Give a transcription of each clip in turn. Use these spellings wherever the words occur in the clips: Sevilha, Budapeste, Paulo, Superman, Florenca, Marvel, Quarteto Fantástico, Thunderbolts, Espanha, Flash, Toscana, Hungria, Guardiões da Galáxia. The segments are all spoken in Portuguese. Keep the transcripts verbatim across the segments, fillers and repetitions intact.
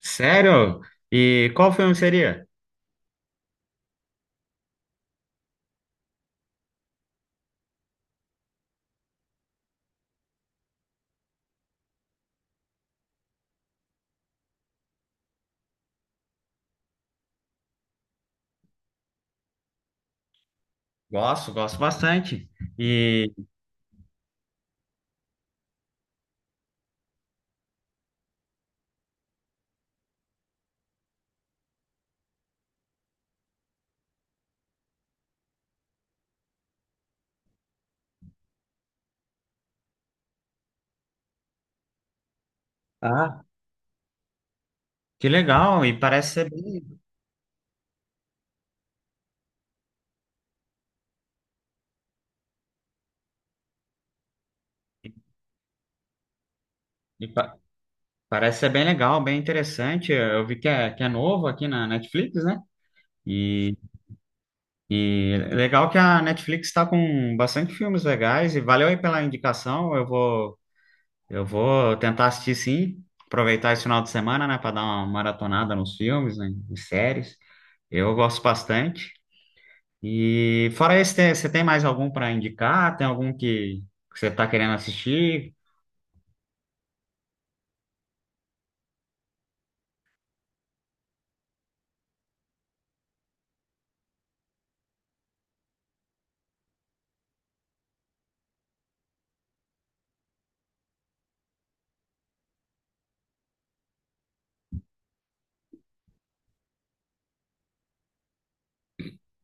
Sério? E qual filme seria? Gosto, gosto bastante. E ah, que legal! E parece ser bem, e pa- parece ser bem legal, bem interessante. Eu vi que é, que é novo aqui na Netflix, né? E, e legal que a Netflix está com bastante filmes legais. E valeu aí pela indicação. Eu vou, eu vou tentar assistir sim. Aproveitar esse final de semana, né, para dar uma maratonada nos filmes, né, em séries. Eu gosto bastante. E fora esse, tem- você tem mais algum para indicar? Tem algum que que você está querendo assistir?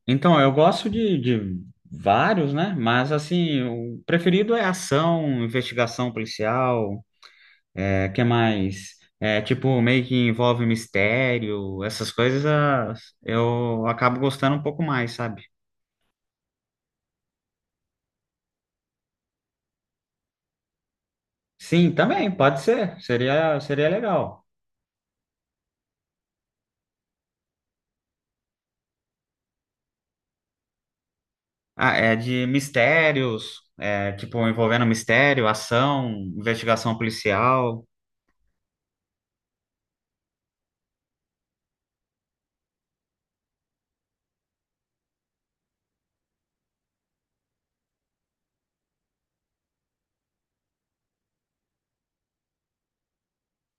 Então, eu gosto de, de vários, né? Mas assim, o preferido é ação, investigação policial, é, que mais? É, tipo, meio que envolve mistério, essas coisas ah, eu acabo gostando um pouco mais, sabe? Sim, também, pode ser. Seria, seria legal. Ah, é de mistérios, é, tipo, envolvendo mistério, ação, investigação policial.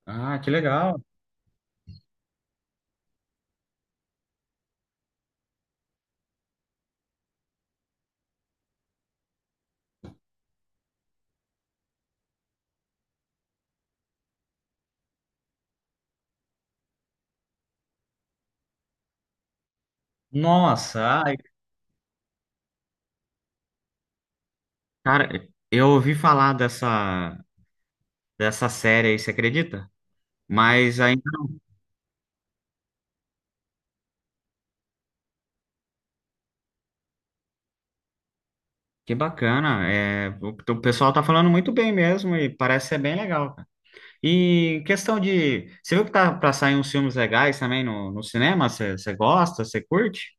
Ah, que legal. Nossa, ai, cara, eu ouvi falar dessa, dessa série aí, você acredita? Mas ainda não. Que bacana. É, o, o pessoal tá falando muito bem mesmo e parece ser bem legal, cara. E questão de. Você viu que tá pra sair uns filmes legais também no, no cinema? Você você gosta? Você curte?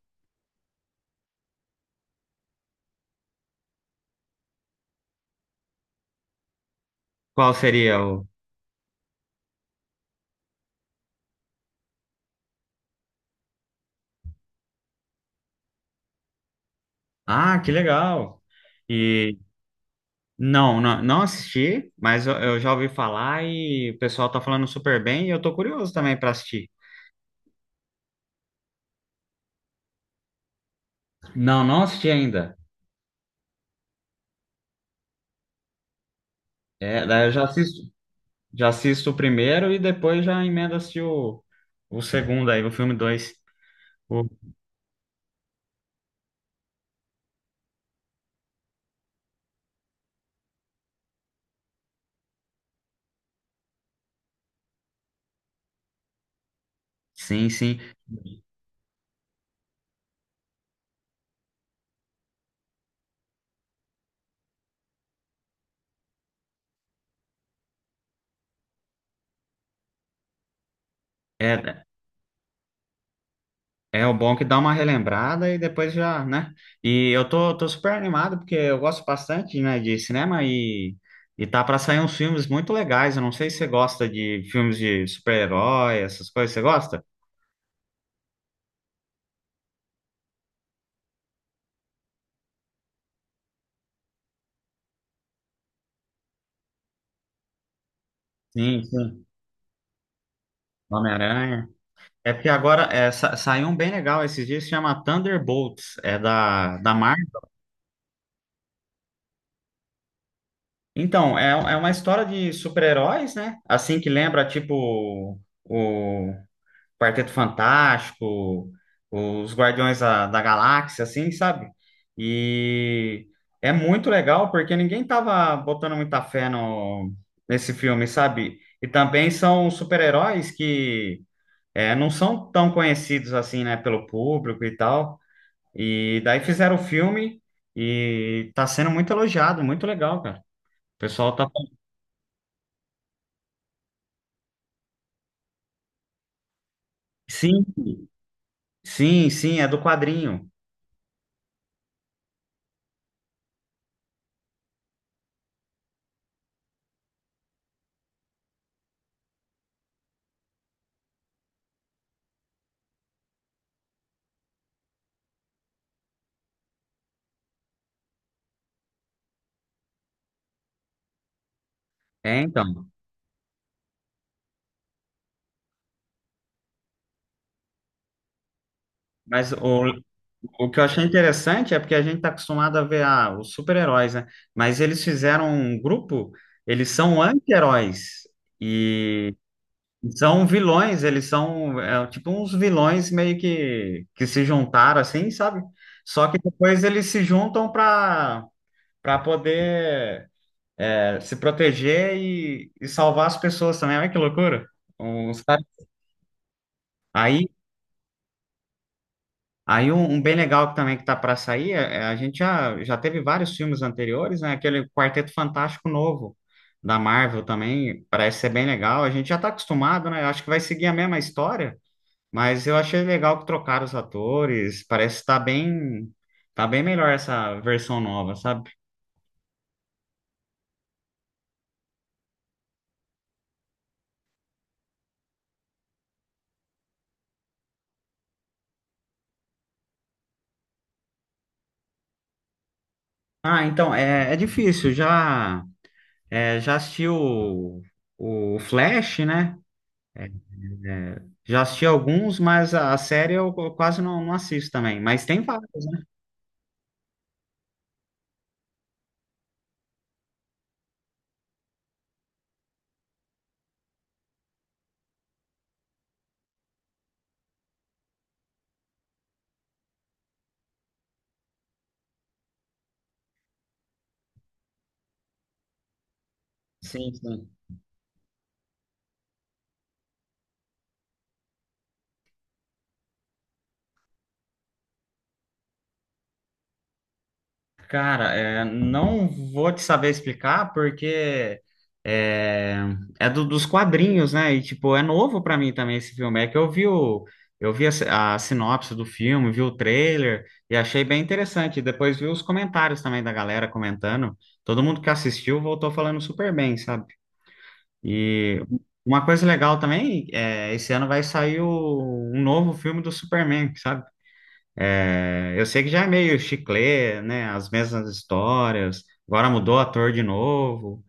Qual seria o. Ah, que legal. E. Não, não, não assisti, mas eu, eu já ouvi falar e o pessoal tá falando super bem e eu tô curioso também para assistir. Não, não assisti ainda. É, daí eu já assisto, já assisto o primeiro e depois já emenda se o, o segundo aí, o filme dois. O Sim, sim. É, é o bom que dá uma relembrada e depois já, né? E eu tô, tô super animado porque eu gosto bastante, né, de cinema e, e tá pra sair uns filmes muito legais. Eu não sei se você gosta de filmes de super-herói, essas coisas. Você gosta? Sim, sim. Homem-Aranha. É porque agora é, sa- saiu um bem legal esses dias, se chama Thunderbolts, é da, da Marvel. Então, é, é uma história de super-heróis, né? Assim que lembra, tipo, o Quarteto Fantástico, os Guardiões da, da Galáxia, assim, sabe? E é muito legal porque ninguém tava botando muita fé no, nesse filme, sabe? E também são super-heróis que é, não são tão conhecidos assim, né, pelo público e tal. E daí fizeram o filme e tá sendo muito elogiado, muito legal, cara. O pessoal tá. Sim, sim, sim, é do quadrinho. É, então. Mas o, o que eu achei interessante é porque a gente tá acostumado a ver ah, os super-heróis, né? Mas eles fizeram um grupo, eles são anti-heróis e são vilões, eles são é, tipo uns vilões meio que, que se juntaram assim, sabe? Só que depois eles se juntam para para poder é, se proteger e, e salvar as pessoas também. Olha que loucura. Um, sabe? Aí, aí um, um bem legal que também que tá para sair, é- é, a gente já, já teve vários filmes anteriores, né? Aquele Quarteto Fantástico novo da Marvel também parece ser bem legal. A gente já tá acostumado, né? Eu acho que vai seguir a mesma história, mas eu achei legal que trocaram os atores. Parece estar bem, tá bem melhor essa versão nova, sabe? Ah, então é, é difícil já. É, já assisti o, o Flash, né? É, é, já assisti alguns, mas a, a série eu, eu quase não, não assisto também. Mas tem vários. Sim, sim. Cara, é, não vou te saber explicar porque é, é do- dos quadrinhos, né? E tipo, é novo pra mim também esse filme. É que eu vi o, eu vi a, si- a sinopse do filme, vi o trailer e achei bem interessante. Depois vi os comentários também da galera comentando. Todo mundo que assistiu voltou falando super bem, sabe? E uma coisa legal também, é, esse ano vai sair o- um novo filme do Superman, sabe? É, eu sei que já é meio chiclê, né? As mesmas histórias. Agora mudou o ator de novo.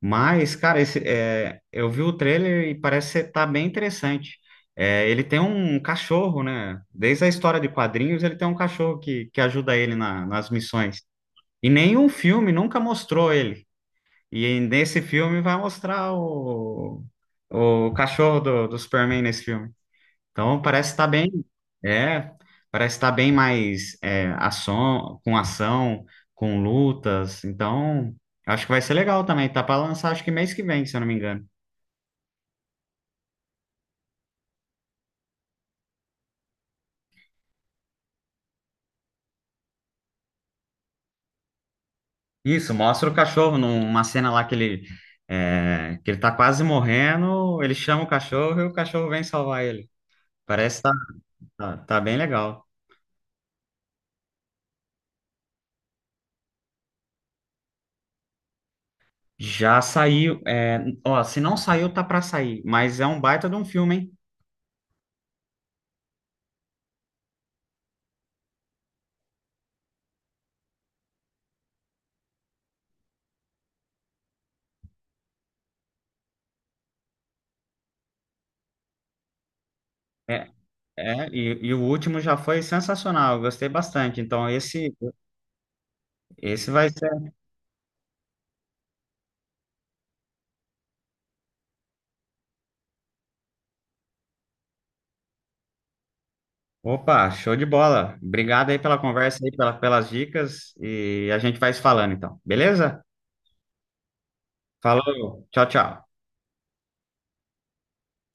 Mas, cara, esse, é, eu vi o trailer e parece ser- tá bem interessante. É, ele tem um cachorro, né? Desde a história de quadrinhos, ele tem um cachorro que, que ajuda ele na- nas missões. E nenhum filme nunca mostrou ele. E nesse filme vai mostrar o, o cachorro do, do Superman nesse filme. Então parece estar bem, é, parece estar bem mais é, ação, com ação, com lutas. Então acho que vai ser legal também. Tá para lançar acho que mês que vem, se eu não me engano. Isso, mostra o cachorro numa cena lá que ele é, que ele tá quase morrendo, ele chama o cachorro e o cachorro vem salvar ele. Parece que tá, tá, tá bem legal. Já saiu, é, ó, se não saiu, tá pra sair, mas é um baita de um filme, hein? É, é, e, e o último já foi sensacional, eu gostei bastante. Então esse, esse vai ser. Opa, show de bola. Obrigado aí pela conversa aí, pela, pelas dicas e a gente vai se falando então, beleza? Falou, tchau, tchau.